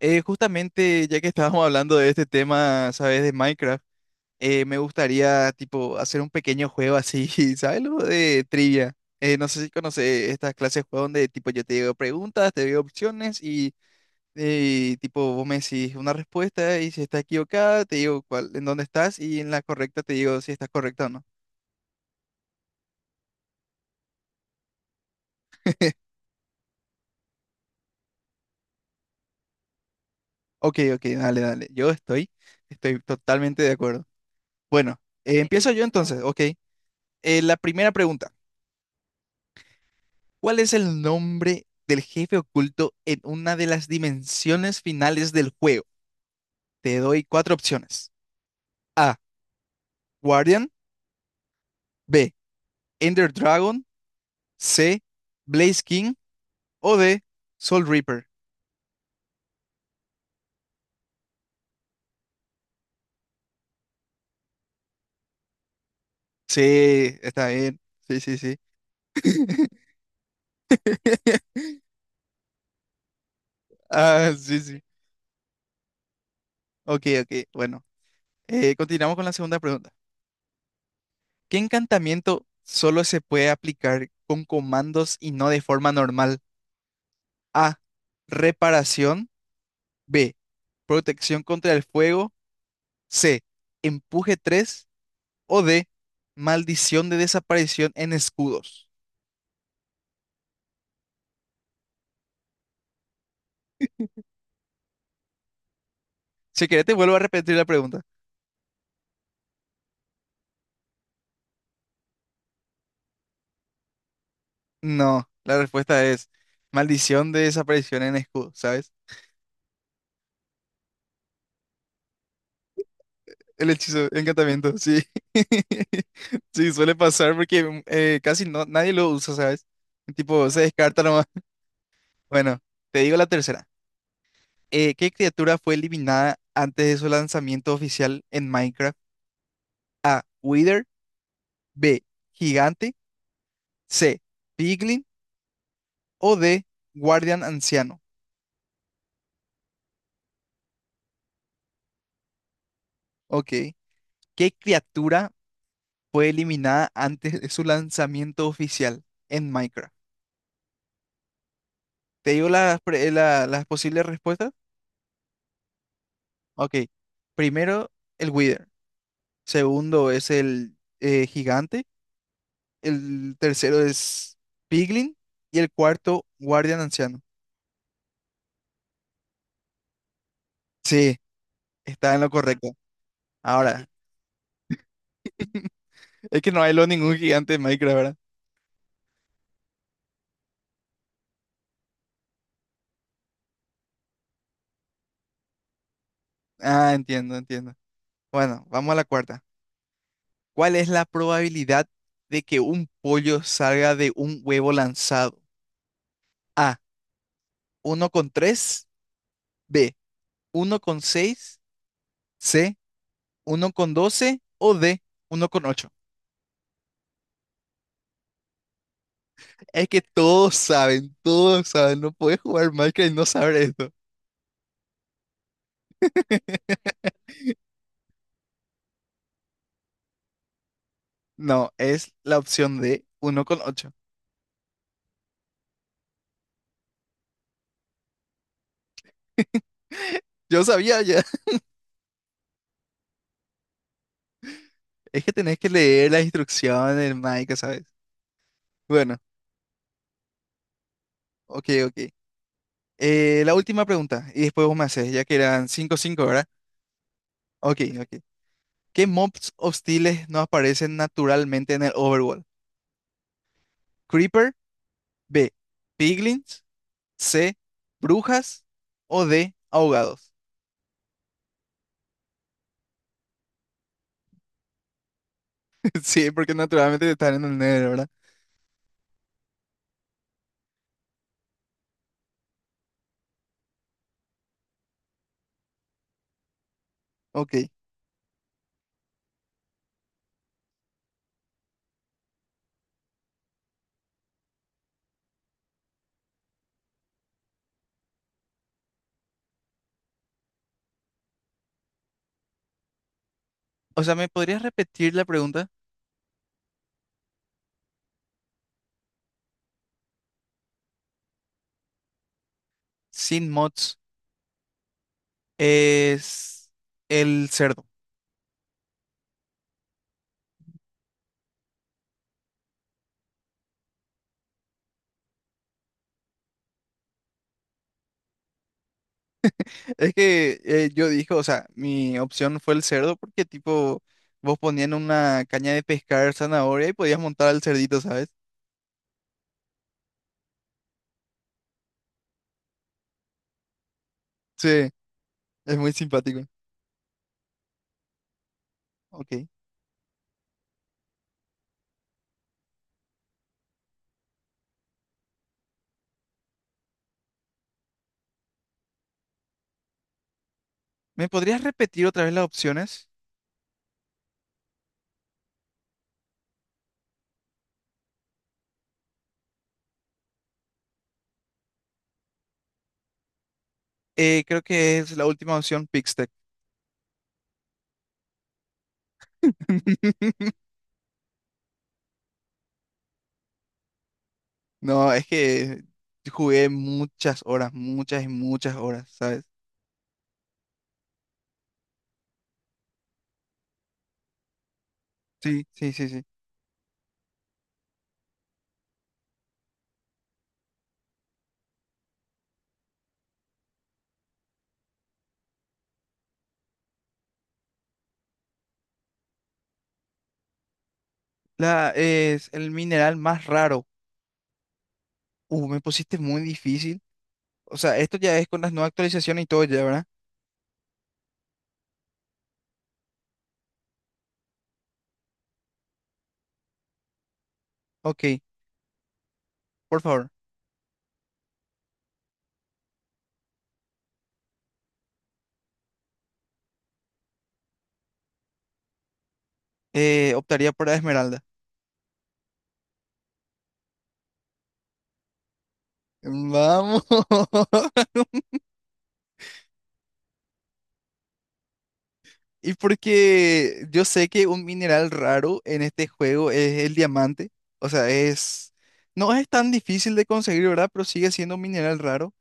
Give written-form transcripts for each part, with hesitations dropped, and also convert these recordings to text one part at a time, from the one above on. Justamente, ya que estábamos hablando de este tema, ¿sabes? De Minecraft, me gustaría, tipo, hacer un pequeño juego así, ¿sabes? Algo de trivia. No sé si conoces estas clases de juego donde, tipo, yo te digo preguntas, te digo opciones y, tipo, vos me decís una respuesta y si está equivocada, te digo cuál, en dónde estás y en la correcta te digo si estás correcta o no. Ok, ok, dale, dale. Estoy totalmente de acuerdo. Bueno, empiezo yo entonces, ok. La primera pregunta. ¿Cuál es el nombre del jefe oculto en una de las dimensiones finales del juego? Te doy cuatro opciones. A. Guardian. B. Ender Dragon. C. Blaze King. O D. Soul Reaper. Sí, está bien. Sí, sí, sí. Ah, sí, sí. Ok, ok. Bueno, continuamos con la segunda pregunta. ¿Qué encantamiento solo se puede aplicar con comandos y no de forma normal? A. Reparación. B. Protección contra el fuego. C. Empuje 3. O D. Maldición de desaparición en escudos. Si querés, te vuelvo a repetir la pregunta. No, la respuesta es maldición de desaparición en escudos, ¿sabes? El hechizo, encantamiento, sí. Sí, suele pasar porque casi no, nadie lo usa, ¿sabes? Tipo, se descarta nomás. Bueno, te digo la tercera. ¿Qué criatura fue eliminada antes de su lanzamiento oficial en Minecraft? Wither, B, gigante. C, piglin. O D, guardián anciano. Ok. ¿Qué criatura fue eliminada antes de su lanzamiento oficial en Minecraft? ¿Te digo las, las posibles respuestas? Ok. Primero, el Wither. Segundo es el gigante. El tercero es piglin. Y el cuarto, guardián anciano. Sí, está en lo correcto. Ahora, es que no hay lo ningún gigante en Minecraft, ¿verdad? Ah, entiendo, entiendo. Bueno, vamos a la cuarta. ¿Cuál es la probabilidad de que un pollo salga de un huevo lanzado? A, uno con tres. B, uno con seis. C, uno con 12. O D, uno con ocho. Es que todos saben, no puedes jugar Minecraft y no saber esto. No, es la opción D, uno con ocho. Yo sabía ya. Es que tenés que leer las instrucciones, del Minecraft, ¿sabes? Bueno, ok, ok. La última pregunta, y después vos me haces, ya que eran cinco cinco, ¿verdad? Ok, ok. ¿Qué mobs hostiles no aparecen naturalmente en el Overworld? Creeper, B, Piglins, C, Brujas o D, Ahogados. Sí, porque naturalmente están en el Nether, ¿verdad? Ok. O sea, ¿me podrías repetir la pregunta? Sin mods es el cerdo. Es que yo dije, o sea, mi opción fue el cerdo porque tipo vos ponían una caña de pescar zanahoria y podías montar al cerdito, ¿sabes? Sí, es muy simpático. Ok. ¿Me podrías repetir otra vez las opciones? Creo que es la última opción, Pixtec. No, es que jugué muchas horas, muchas y muchas horas, ¿sabes? Sí, sí, sí, sí. La es el mineral más raro. Me pusiste muy difícil. O sea, esto ya es con las nuevas actualizaciones y todo ya, ¿verdad? Ok. Por favor, optaría por la esmeralda. Vamos. Y porque yo sé que un mineral raro en este juego es el diamante. O sea, es... No es tan difícil de conseguir, ¿verdad? Pero sigue siendo un mineral raro.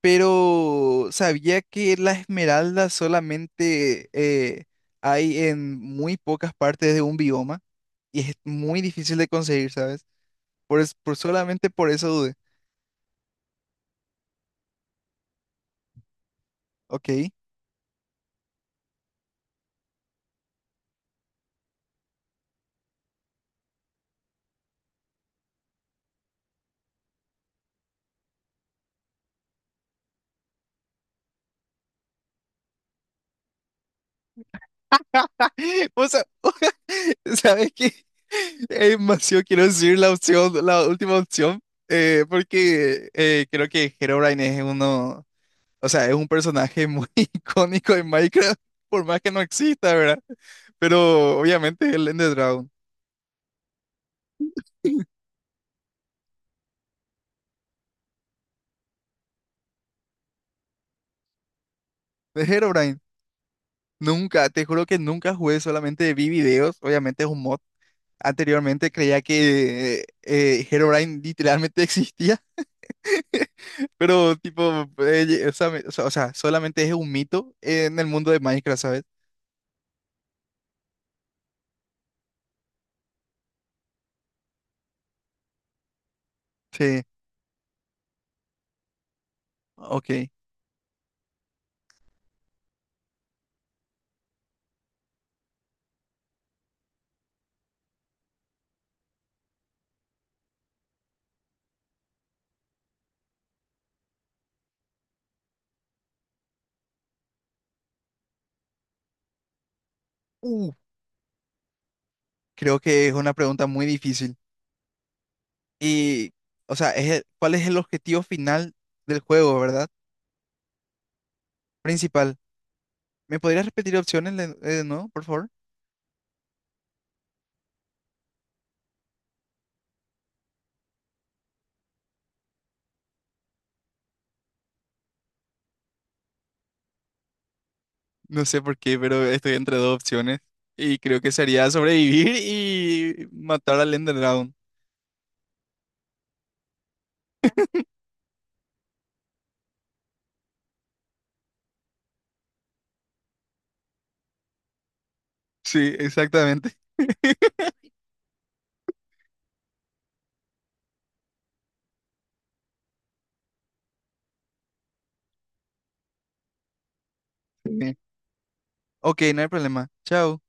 Pero sabía que la esmeralda solamente hay en muy pocas partes de un bioma. Y es muy difícil de conseguir, ¿sabes? Por solamente por eso dudé. Ok. O sea, ¿sabes qué? Es demasiado quiero decir la opción, la última opción, porque creo que Herobrine es uno, o sea, es un personaje muy icónico en Minecraft, por más que no exista, ¿verdad? Pero obviamente es el Ender Dragon. De Herobrine, nunca, te juro que nunca jugué, solamente vi videos, obviamente es un mod. Anteriormente creía que Herobrine literalmente existía. Pero, tipo, o sea, solamente es un mito en el mundo de Minecraft, ¿sabes? Sí, ok. Uh, creo que es una pregunta muy difícil. Y, o sea, ¿cuál es el objetivo final del juego, verdad? Principal. ¿Me podrías repetir opciones de nuevo, por favor? No sé por qué, pero estoy entre dos opciones. Y creo que sería sobrevivir y matar al Ender Dragon. Sí, exactamente. Sí. Ok, no hay problema. Chao.